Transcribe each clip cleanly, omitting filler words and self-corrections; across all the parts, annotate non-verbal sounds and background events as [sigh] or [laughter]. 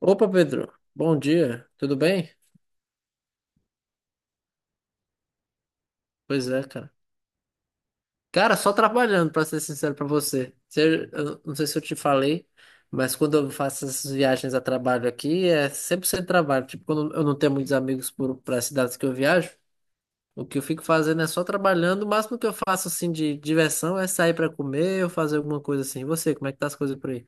Opa, Pedro. Bom dia. Tudo bem? Pois é, cara. Cara, só trabalhando, pra ser sincero pra você. Eu não sei se eu te falei, mas quando eu faço essas viagens a trabalho aqui, é 100% trabalho. Tipo, quando eu não tenho muitos amigos para cidades que eu viajo, o que eu fico fazendo é só trabalhando. O máximo que eu faço, assim, de diversão é sair pra comer ou fazer alguma coisa assim. E você, como é que tá as coisas por aí?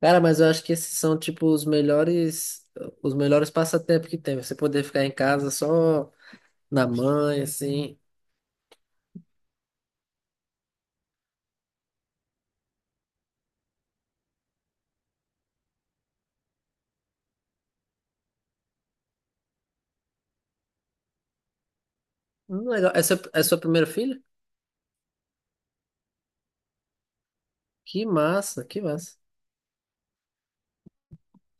Cara, mas eu acho que esses são, tipo, os melhores passatempos que tem. Você poder ficar em casa só na mãe, assim. Legal. Essa é a sua primeira filha? Que massa, que massa.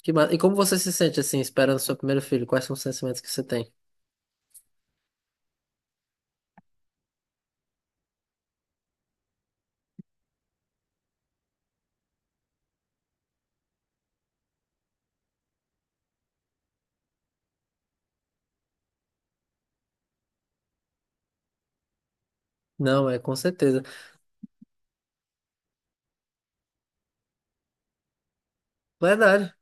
Que massa. E como você se sente assim, esperando seu primeiro filho? Quais são os sentimentos que você tem? Não, é com certeza. Verdade.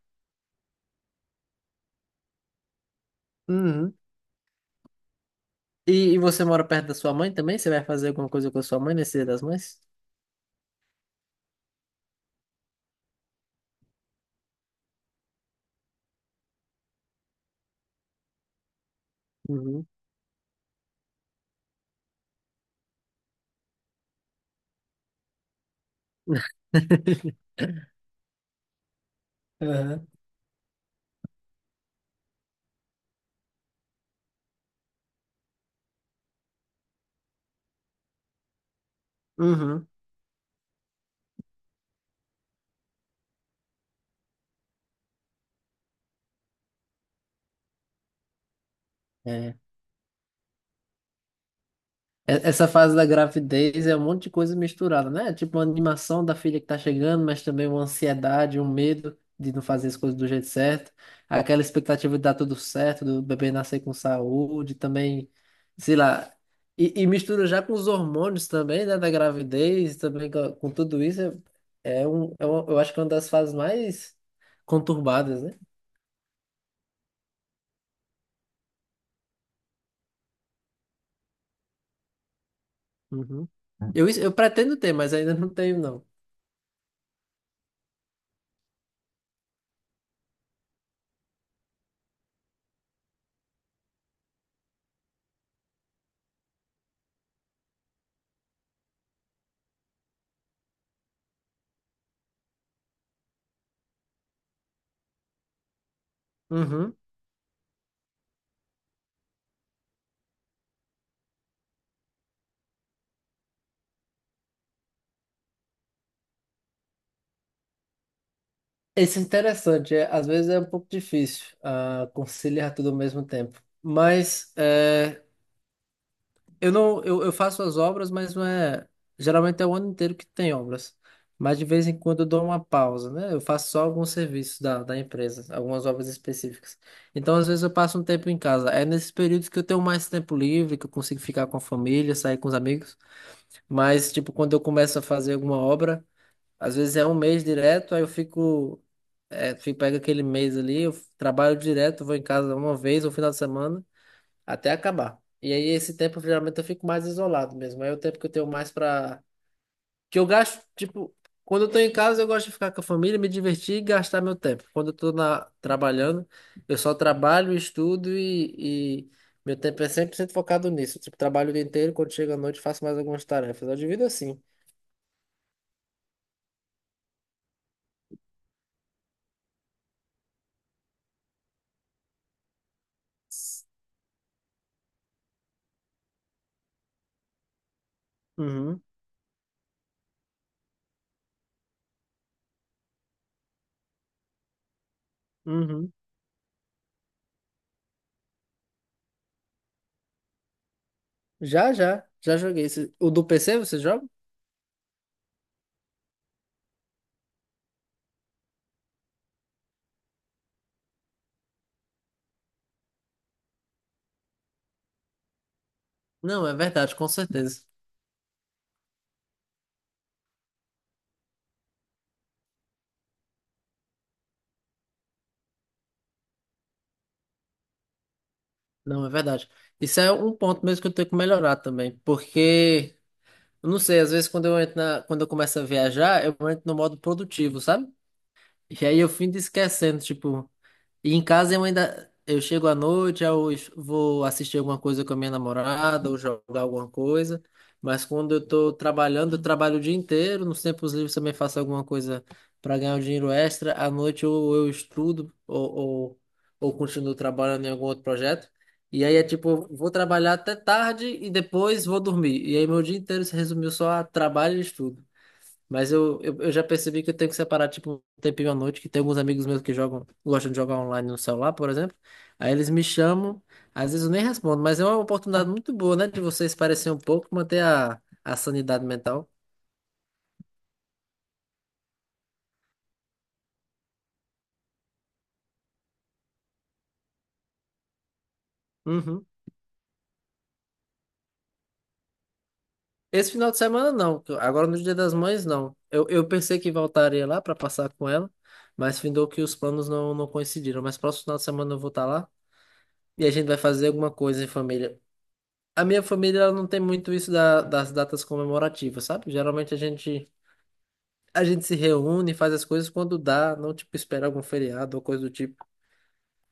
Uhum. E você mora perto da sua mãe também? Você vai fazer alguma coisa com a sua mãe nesse Dia das Mães? Uhum. [laughs] Uhum. Uhum. É. Essa fase da gravidez é um monte de coisa misturada, né? Tipo uma animação da filha que tá chegando, mas também uma ansiedade, um medo de não fazer as coisas do jeito certo, aquela expectativa de dar tudo certo, do bebê nascer com saúde, também, sei lá. E mistura já com os hormônios também, né? Da gravidez, também com tudo isso. É eu acho que é uma das fases mais conturbadas, né? Uhum. Eu pretendo ter, mas ainda não tenho, não. Uhum. Isso é interessante, é, às vezes é um pouco difícil conciliar tudo ao mesmo tempo. Mas é, eu não, eu faço as obras, mas não é. Geralmente é o ano inteiro que tem obras. Mas de vez em quando eu dou uma pausa, né? Eu faço só alguns serviços da empresa, algumas obras específicas. Então, às vezes, eu passo um tempo em casa. É nesses períodos que eu tenho mais tempo livre, que eu consigo ficar com a família, sair com os amigos. Mas, tipo, quando eu começo a fazer alguma obra. Às vezes é um mês direto, aí eu fico, é, fico, pego aquele mês ali, eu trabalho direto, vou em casa uma vez no final de semana, até acabar. E aí esse tempo, geralmente, eu fico mais isolado mesmo. Aí é o tempo que eu tenho mais pra. Que eu gasto, tipo, quando eu tô em casa, eu gosto de ficar com a família, me divertir e gastar meu tempo. Quando eu tô na... trabalhando, eu só trabalho, estudo e meu tempo é 100% focado nisso. Tipo, trabalho o dia inteiro, quando chega à noite, faço mais algumas tarefas. Eu divido assim. Uhum, uhum. Já, já, já joguei. O do PC você joga? Não, é verdade, com certeza. Não, é verdade. Isso é um ponto mesmo que eu tenho que melhorar também, porque, eu não sei, às vezes quando eu começo a viajar, eu entro no modo produtivo, sabe? E aí eu fico esquecendo, tipo, e em casa eu ainda. Eu chego à noite, vou assistir alguma coisa com a minha namorada, ou jogar alguma coisa. Mas quando eu tô trabalhando, eu trabalho o dia inteiro. Nos tempos livres também faço alguma coisa para ganhar um dinheiro extra. À noite ou eu estudo, ou continuo trabalhando em algum outro projeto. E aí é tipo, eu vou trabalhar até tarde e depois vou dormir. E aí meu dia inteiro se resumiu só a trabalho e estudo. Mas eu já percebi que eu tenho que separar, tipo, um tempinho à noite, que tem alguns amigos meus que jogam, gostam de jogar online no celular, por exemplo. Aí eles me chamam, às vezes eu nem respondo, mas é uma oportunidade muito boa, né, de vocês parecer um pouco, manter a sanidade mental. Uhum. Esse final de semana não, agora no Dia das Mães não. Eu pensei que voltaria lá para passar com ela, mas findou que os planos não coincidiram. Mas próximo final de semana eu vou estar lá e a gente vai fazer alguma coisa em família. A minha família ela não tem muito isso das datas comemorativas, sabe? Geralmente a gente se reúne, faz as coisas quando dá, não tipo espera algum feriado ou coisa do tipo.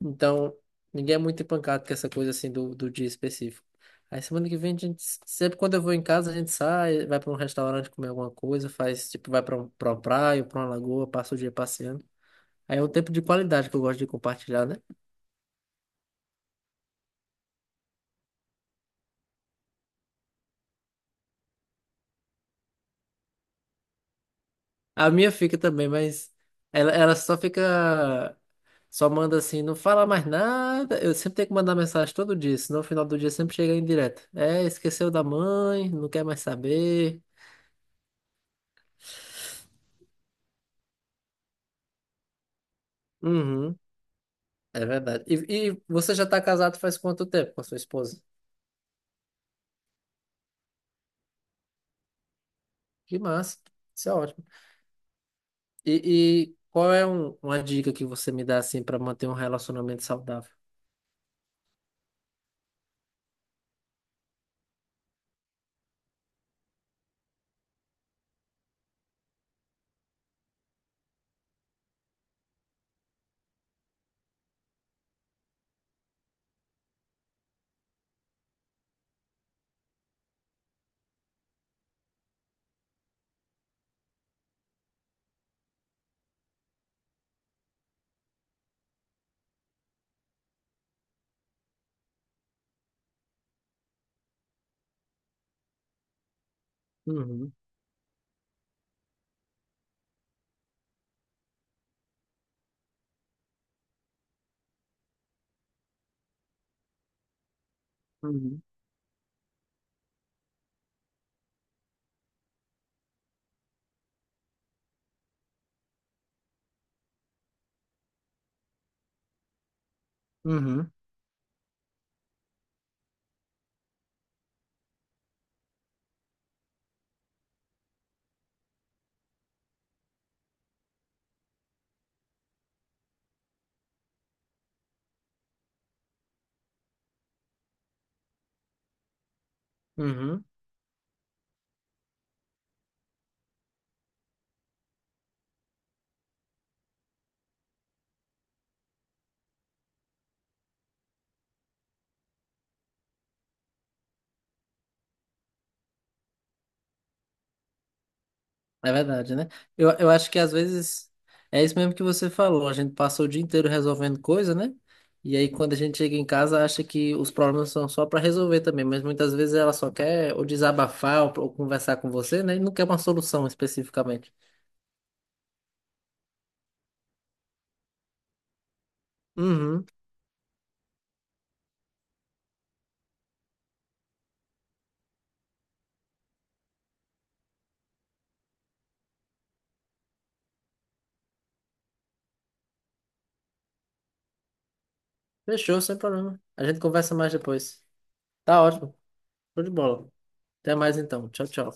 Então, ninguém é muito empancado com essa coisa assim do dia específico. Aí semana que vem a gente sempre quando eu vou em casa, a gente sai, vai para um restaurante comer alguma coisa, faz tipo vai para para uma praia, para uma lagoa, passa o dia passeando. Aí é um tempo de qualidade que eu gosto de compartilhar, né? A minha fica também, mas ela só fica. Só manda assim, não fala mais nada. Eu sempre tenho que mandar mensagem todo dia, senão no final do dia sempre chega em direto. É, esqueceu da mãe, não quer mais saber. Uhum, é verdade. E você já tá casado faz quanto tempo com a sua esposa? Que massa, isso é ótimo. E qual é uma dica que você me dá assim para manter um relacionamento saudável? Uhum, uhum, uhum, uhum. É verdade, né? Eu acho que às vezes é isso mesmo que você falou. A gente passa o dia inteiro resolvendo coisa, né? E aí quando a gente chega em casa, acha que os problemas são só para resolver também, mas muitas vezes ela só quer ou desabafar ou conversar com você, né? E não quer uma solução especificamente. Uhum. Fechou, sem problema. A gente conversa mais depois. Tá ótimo. Show de bola. Até mais então. Tchau, tchau.